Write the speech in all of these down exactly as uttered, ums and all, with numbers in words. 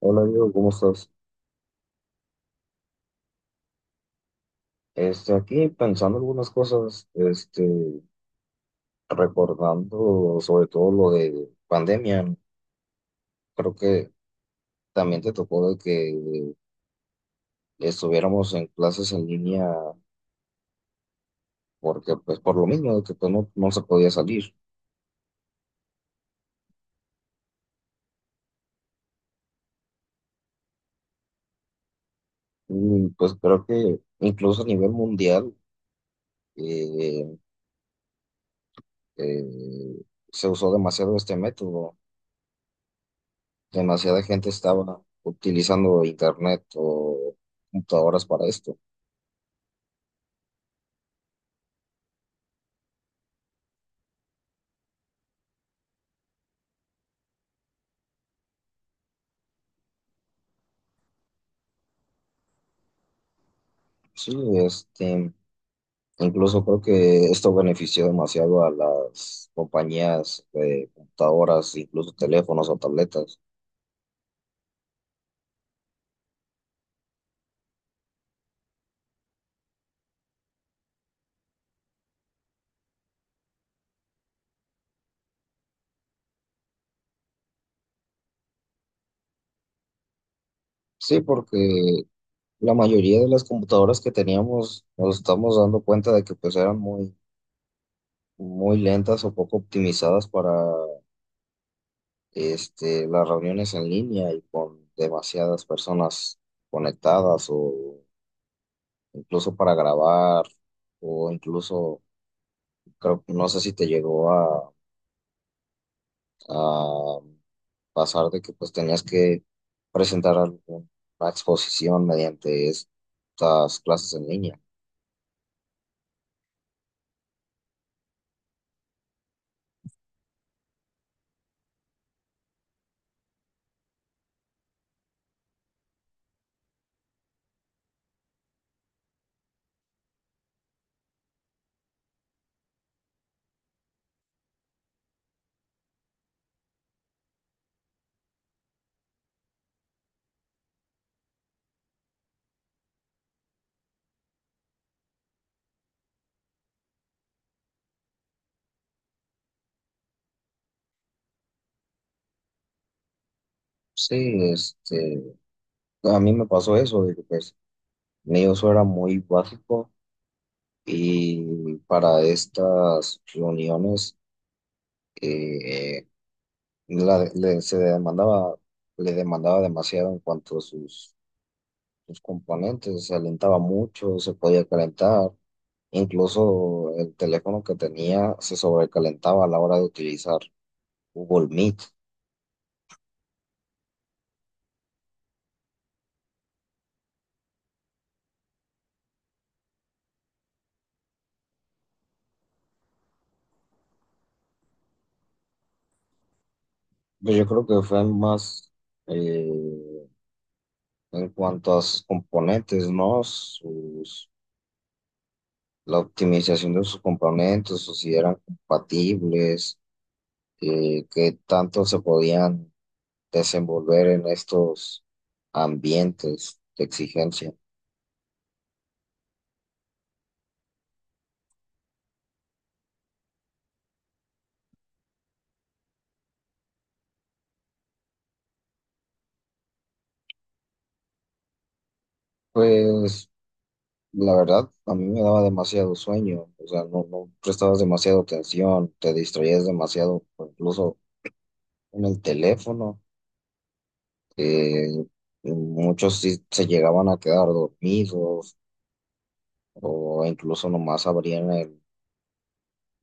Hola Diego, ¿cómo estás? Este, aquí pensando algunas cosas, este, recordando sobre todo lo de pandemia, creo que también te tocó de que estuviéramos en clases en línea porque pues por lo mismo de que pues, no, no se podía salir. Y pues creo que incluso a nivel mundial eh, eh, se usó demasiado este método, demasiada gente estaba utilizando internet o computadoras para esto. Sí, este. Incluso creo que esto benefició demasiado a las compañías de computadoras, incluso teléfonos o tabletas. Sí, porque la mayoría de las computadoras que teníamos nos estamos dando cuenta de que pues eran muy, muy lentas o poco optimizadas para este, las reuniones en línea y con demasiadas personas conectadas o incluso para grabar o incluso, creo, no sé si te llegó a a pasar de que pues tenías que presentar alguna exposición mediante estas clases en línea. Sí, este, a mí me pasó eso, de que pues mi uso era muy básico y para estas reuniones eh, la- le- se demandaba, le demandaba demasiado en cuanto a sus los componentes, se alentaba mucho, se podía calentar, incluso el teléfono que tenía se sobrecalentaba a la hora de utilizar Google Meet. Pues yo creo que fue más eh, en cuanto a sus componentes, ¿no? Sus, la optimización de sus componentes, o si eran compatibles, eh, qué tanto se podían desenvolver en estos ambientes de exigencia. Pues. La verdad, a mí me daba demasiado sueño, o sea, no, no prestabas demasiado atención, te distraías demasiado, o incluso en el teléfono, eh, muchos sí se llegaban a quedar dormidos o incluso nomás abrían el-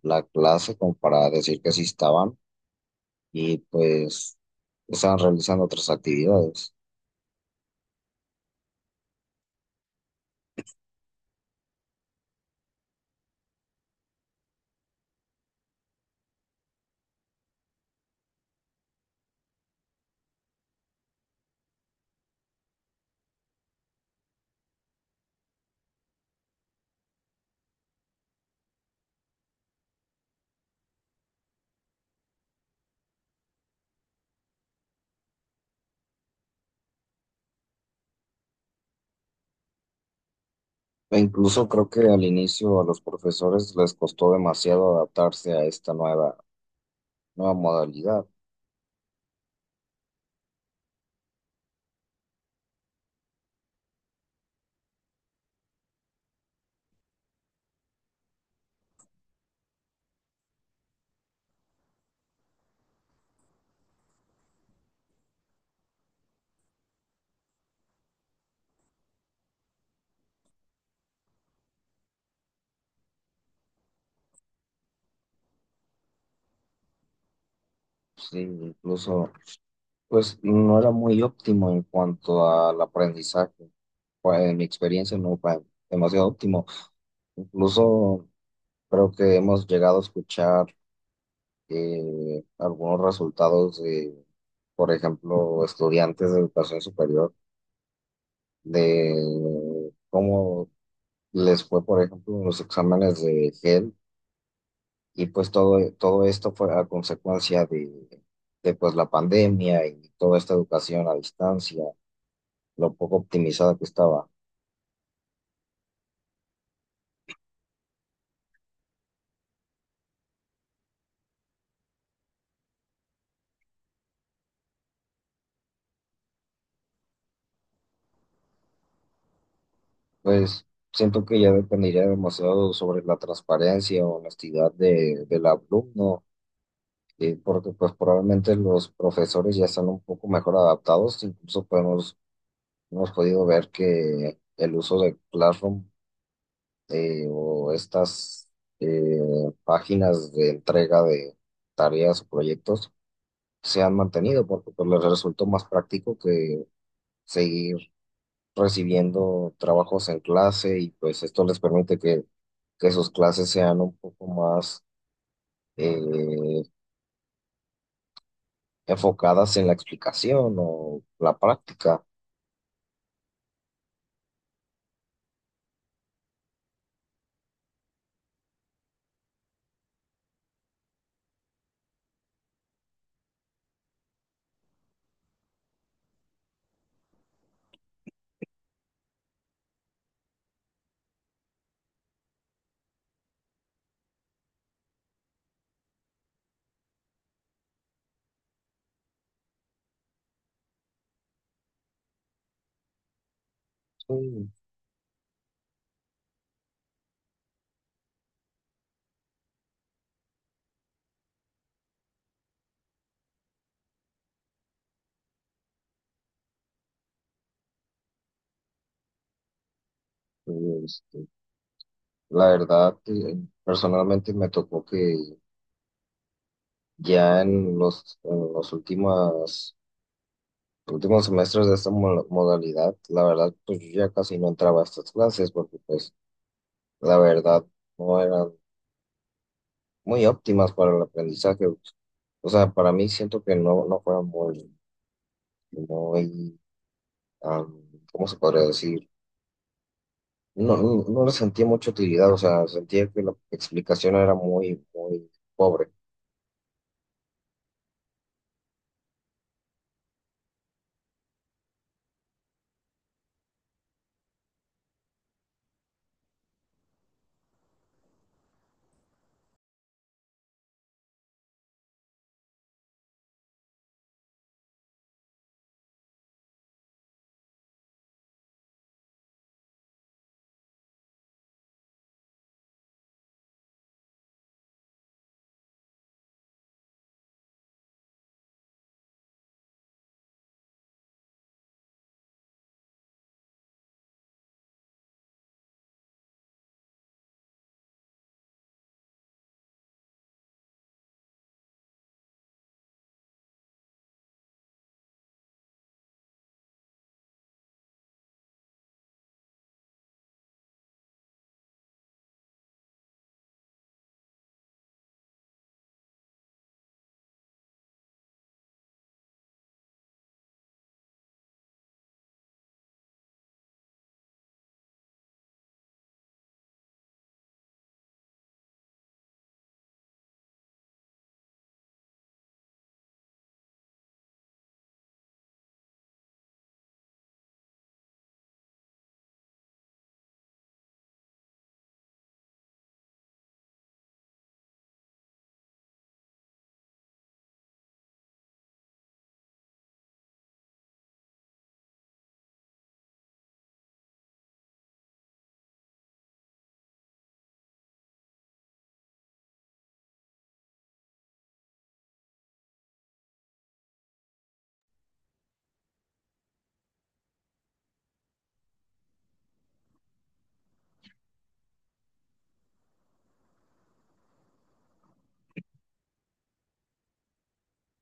la clase como para decir que sí estaban y pues estaban realizando otras actividades. E incluso creo que al inicio a los profesores les costó demasiado adaptarse a esta nueva, nueva modalidad. Sí, incluso pues no era muy óptimo en cuanto al aprendizaje. Pues, en mi experiencia no fue demasiado óptimo. Incluso creo que hemos llegado a escuchar eh, algunos resultados de, por ejemplo, estudiantes de educación superior, de cómo les fue, por ejemplo, en los exámenes de G E L. Y pues todo, todo esto fue a consecuencia de, de pues, la pandemia y toda esta educación a distancia, lo poco optimizada que estaba. Pues siento que ya dependería demasiado sobre la transparencia o honestidad de, del alumno, eh, porque pues probablemente los profesores ya están un poco mejor adaptados, incluso podemos, hemos podido ver que el uso de Classroom eh, o estas eh, páginas de entrega de tareas o proyectos se han mantenido, porque pues les resultó más práctico que seguir recibiendo trabajos en clase y pues esto les permite que que sus clases sean un poco más eh, enfocadas en la explicación o la práctica. Sí, este, la verdad, eh, personalmente me tocó que ya en los, en los últimas- últimos semestres de esta mo- modalidad, la verdad, pues yo ya casi no entraba a estas clases porque pues la verdad no eran muy óptimas para el aprendizaje. O sea, para mí siento que no, no fueron muy, muy, am, ¿cómo se podría decir? No, no, no le sentía mucha utilidad, o sea, sentía que la explicación era muy, muy pobre.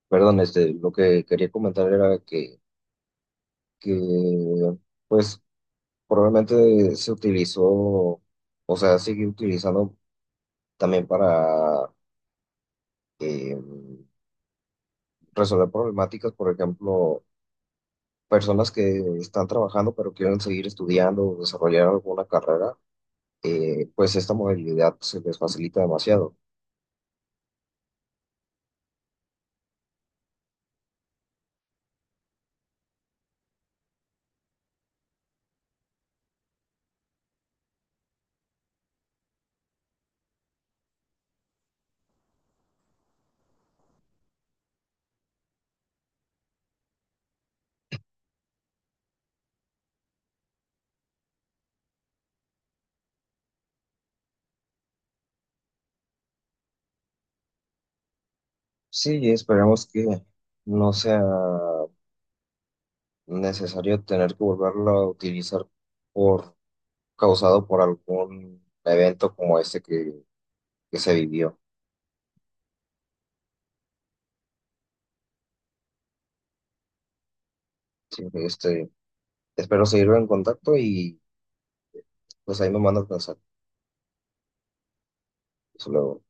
Perdón, este, lo que quería comentar era que, que, pues, probablemente se utilizó, o sea, sigue utilizando también para eh, resolver problemáticas, por ejemplo, personas que están trabajando pero quieren seguir estudiando o desarrollar alguna carrera, eh, pues esta modalidad se les facilita demasiado. Sí, esperemos que no sea necesario tener que volverlo a utilizar por causado por algún evento como este que, que se vivió. Sí, este, espero seguirlo en contacto y pues ahí me mandas mensaje. Hasta luego.